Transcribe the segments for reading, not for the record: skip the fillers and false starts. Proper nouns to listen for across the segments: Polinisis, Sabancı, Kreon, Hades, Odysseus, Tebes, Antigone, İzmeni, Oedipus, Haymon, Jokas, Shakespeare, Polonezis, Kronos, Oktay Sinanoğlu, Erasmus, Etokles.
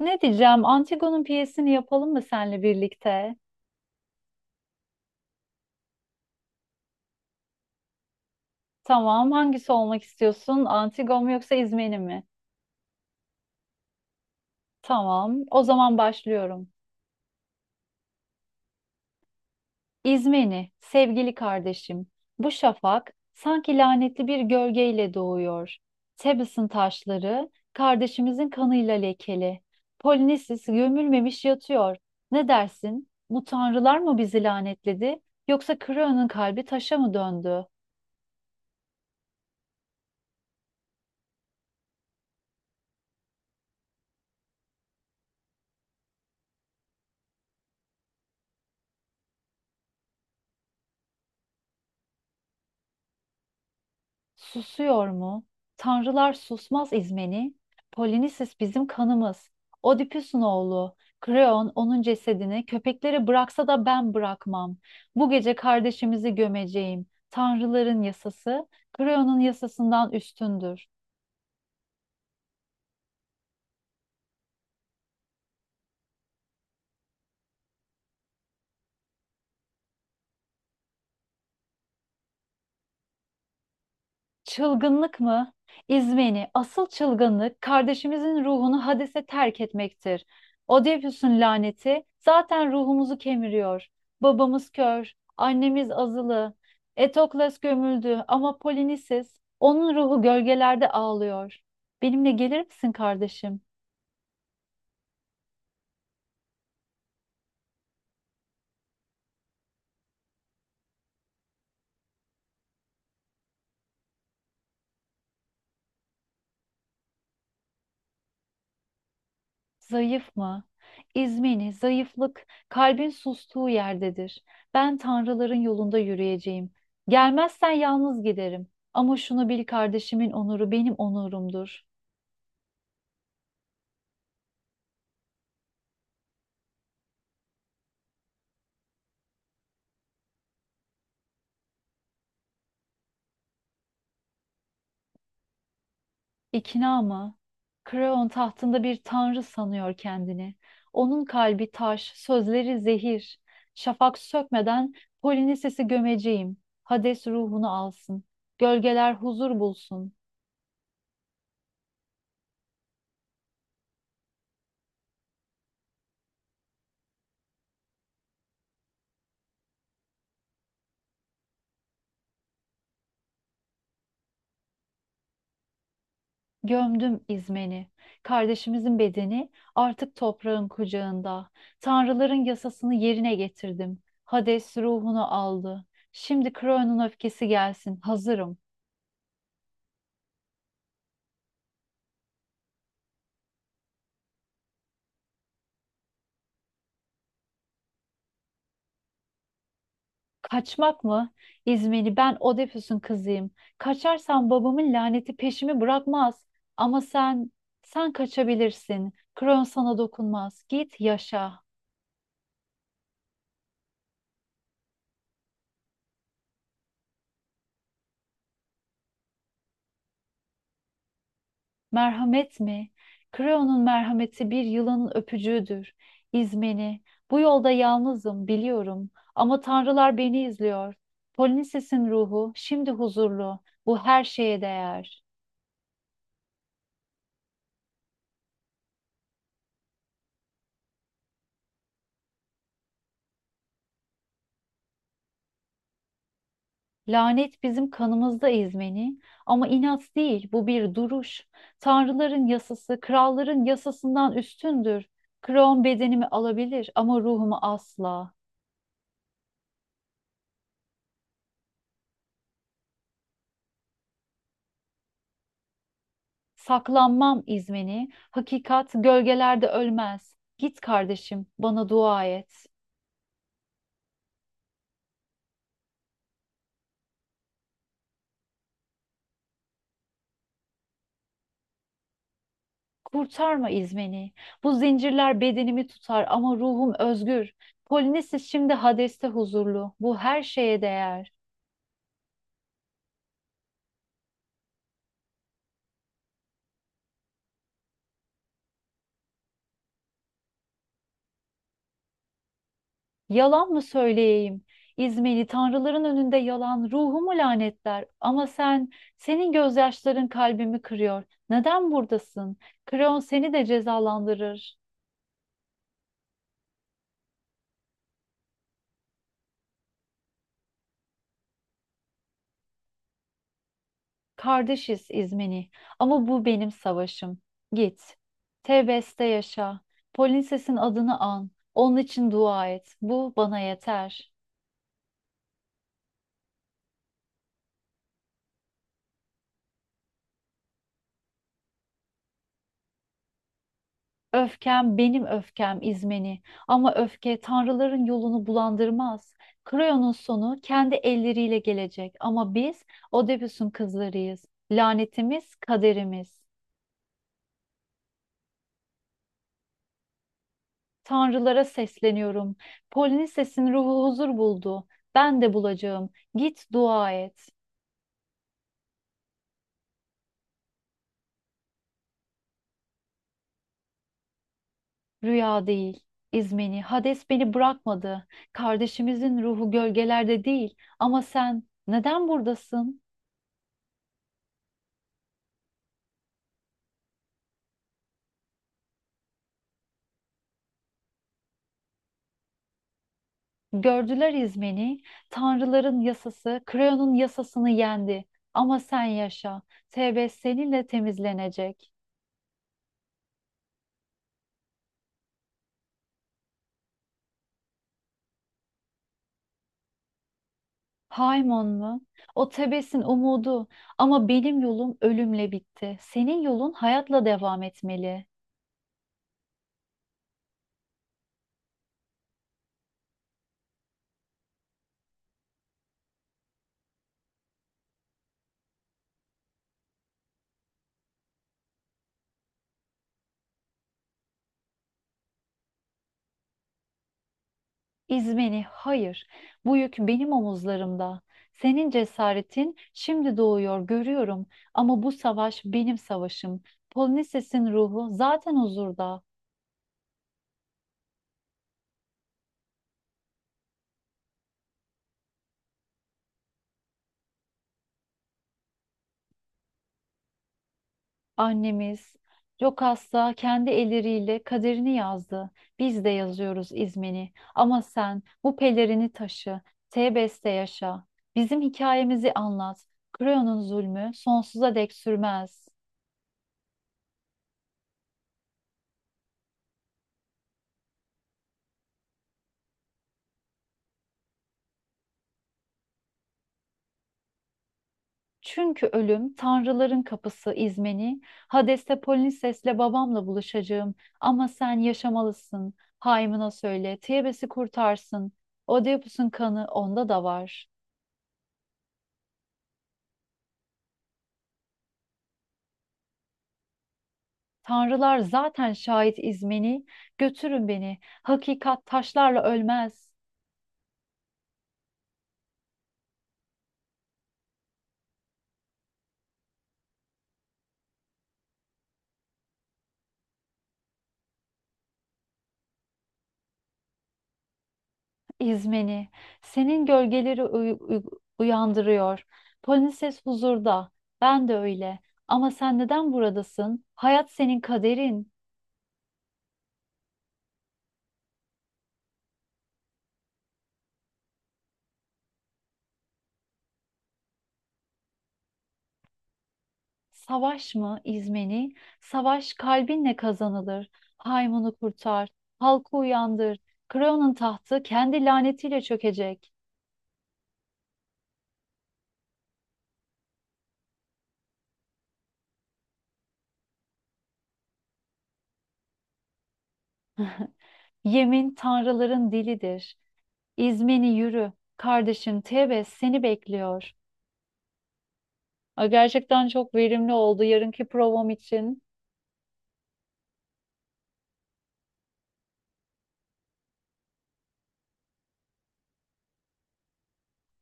Ne diyeceğim? Antigone'un piyesini yapalım mı seninle birlikte? Tamam. Hangisi olmak istiyorsun? Antigone mu yoksa İzmeni mi? Tamam. O zaman başlıyorum. İzmeni, sevgili kardeşim. Bu şafak sanki lanetli bir gölgeyle doğuyor. Tebes'in taşları kardeşimizin kanıyla lekeli. Polinisis gömülmemiş yatıyor. Ne dersin? Bu tanrılar mı bizi lanetledi? Yoksa Kreon'un kalbi taşa mı döndü? Susuyor mu? Tanrılar susmaz İzmeni. Polinisis bizim kanımız. Oedipus'un oğlu. Kreon onun cesedini köpeklere bıraksa da ben bırakmam. Bu gece kardeşimizi gömeceğim. Tanrıların yasası Kreon'un yasasından üstündür. Çılgınlık mı? İzmeni, asıl çılgınlık kardeşimizin ruhunu hadise terk etmektir. Oedipus'un laneti zaten ruhumuzu kemiriyor. Babamız kör, annemiz azılı. Etokles gömüldü ama Polinisis, onun ruhu gölgelerde ağlıyor. Benimle gelir misin kardeşim? Zayıf mı? İzmini, zayıflık, kalbin sustuğu yerdedir. Ben tanrıların yolunda yürüyeceğim. Gelmezsen yalnız giderim. Ama şunu bil kardeşimin onuru benim onurumdur. İkna mı? Kreon tahtında bir tanrı sanıyor kendini. Onun kalbi taş, sözleri zehir. Şafak sökmeden Polinises'i gömeceğim. Hades ruhunu alsın. Gölgeler huzur bulsun. Gömdüm İzmen'i, kardeşimizin bedeni artık toprağın kucağında. Tanrıların yasasını yerine getirdim. Hades ruhunu aldı. Şimdi Kronos öfkesi gelsin, hazırım. Kaçmak mı? İzmen'i ben Odysseus'un kızıyım. Kaçarsam babamın laneti peşimi bırakmaz. Ama sen, sen kaçabilirsin. Kronos sana dokunmaz. Git yaşa. Merhamet mi? Creon'un merhameti bir yılanın öpücüğüdür. İzmeni. Bu yolda yalnızım, biliyorum. Ama tanrılar beni izliyor. Polinises'in ruhu şimdi huzurlu. Bu her şeye değer. Lanet bizim kanımızda İzmeni. Ama inat değil, bu bir duruş. Tanrıların yasası, kralların yasasından üstündür. Creon bedenimi alabilir ama ruhumu asla. Saklanmam İzmeni, hakikat gölgelerde ölmez. Git kardeşim, bana dua et. Kurtarma İzmeni. Bu zincirler bedenimi tutar ama ruhum özgür. Polonezis şimdi Hades'te huzurlu. Bu her şeye değer. Yalan mı söyleyeyim? İzmeni tanrıların önünde yalan ruhumu lanetler. Ama sen, senin gözyaşların kalbimi kırıyor. Neden buradasın? Kreon seni de cezalandırır. Kardeşiz İzmeni ama bu benim savaşım. Git. Tebeste yaşa. Polinses'in adını an. Onun için dua et. Bu bana yeter. Öfkem benim öfkem İzmeni. Ama öfke tanrıların yolunu bulandırmaz. Kreon'un sonu kendi elleriyle gelecek. Ama biz Oedipus'un kızlarıyız. Lanetimiz kaderimiz. Tanrılara sesleniyorum. Polinses'in ruhu huzur buldu. Ben de bulacağım. Git dua et. Rüya değil, İzmeni, Hades beni bırakmadı. Kardeşimizin ruhu gölgelerde değil. Ama sen neden buradasın? Gördüler İzmeni, tanrıların yasası, Kreon'un yasasını yendi. Ama sen yaşa, Tebes seninle temizlenecek. Haymon mu? O Tebes'in umudu. Ama benim yolum ölümle bitti. Senin yolun hayatla devam etmeli. İzmeni, hayır. Bu yük benim omuzlarımda. Senin cesaretin şimdi doğuyor, görüyorum. Ama bu savaş benim savaşım. Polonisesin ruhu zaten huzurda. Annemiz Jokas'ta kendi elleriyle kaderini yazdı. Biz de yazıyoruz İzmeni. Ama sen bu pelerini taşı. Tebes'te yaşa. Bizim hikayemizi anlat. Kreon'un zulmü sonsuza dek sürmez. Çünkü ölüm tanrıların kapısı İzmeni. Hades'te Polinices'le babamla buluşacağım. Ama sen yaşamalısın. Haymına söyle. Tebes'i kurtarsın. Oedipus'un kanı onda da var. Tanrılar zaten şahit İzmeni. Götürün beni. Hakikat taşlarla ölmez. İzmeni. Senin gölgeleri uyandırıyor. Polinices huzurda. Ben de öyle. Ama sen neden buradasın? Hayat senin kaderin. Savaş mı İzmeni? Savaş kalbinle kazanılır. Haymunu kurtar, halkı uyandır. Kreon'un tahtı kendi lanetiyle çökecek. Yemin tanrıların dilidir. İzmeni yürü. Kardeşim Tebes seni bekliyor. Ay, gerçekten çok verimli oldu yarınki provam için.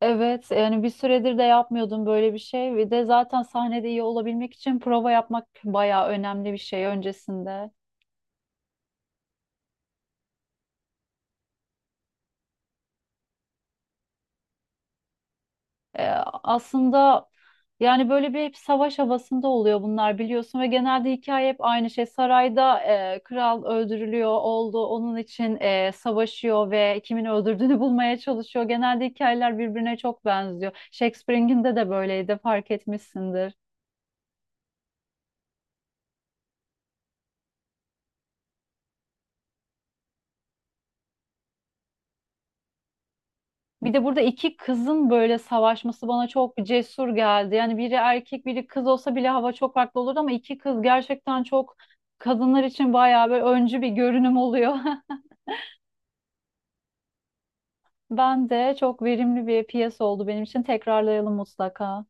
Evet, yani bir süredir de yapmıyordum böyle bir şey. Ve de zaten sahnede iyi olabilmek için prova yapmak bayağı önemli bir şey öncesinde. E, aslında yani böyle bir hep savaş havasında oluyor bunlar biliyorsun ve genelde hikaye hep aynı şey. Sarayda kral öldürülüyor oldu onun için savaşıyor ve kimin öldürdüğünü bulmaya çalışıyor. Genelde hikayeler birbirine çok benziyor. Shakespeare'in de böyleydi fark etmişsindir. Bir de burada iki kızın böyle savaşması bana çok cesur geldi. Yani biri erkek biri kız olsa bile hava çok farklı olurdu ama iki kız gerçekten çok kadınlar için bayağı böyle öncü bir görünüm oluyor. Ben de çok verimli bir piyasa oldu benim için. Tekrarlayalım mutlaka.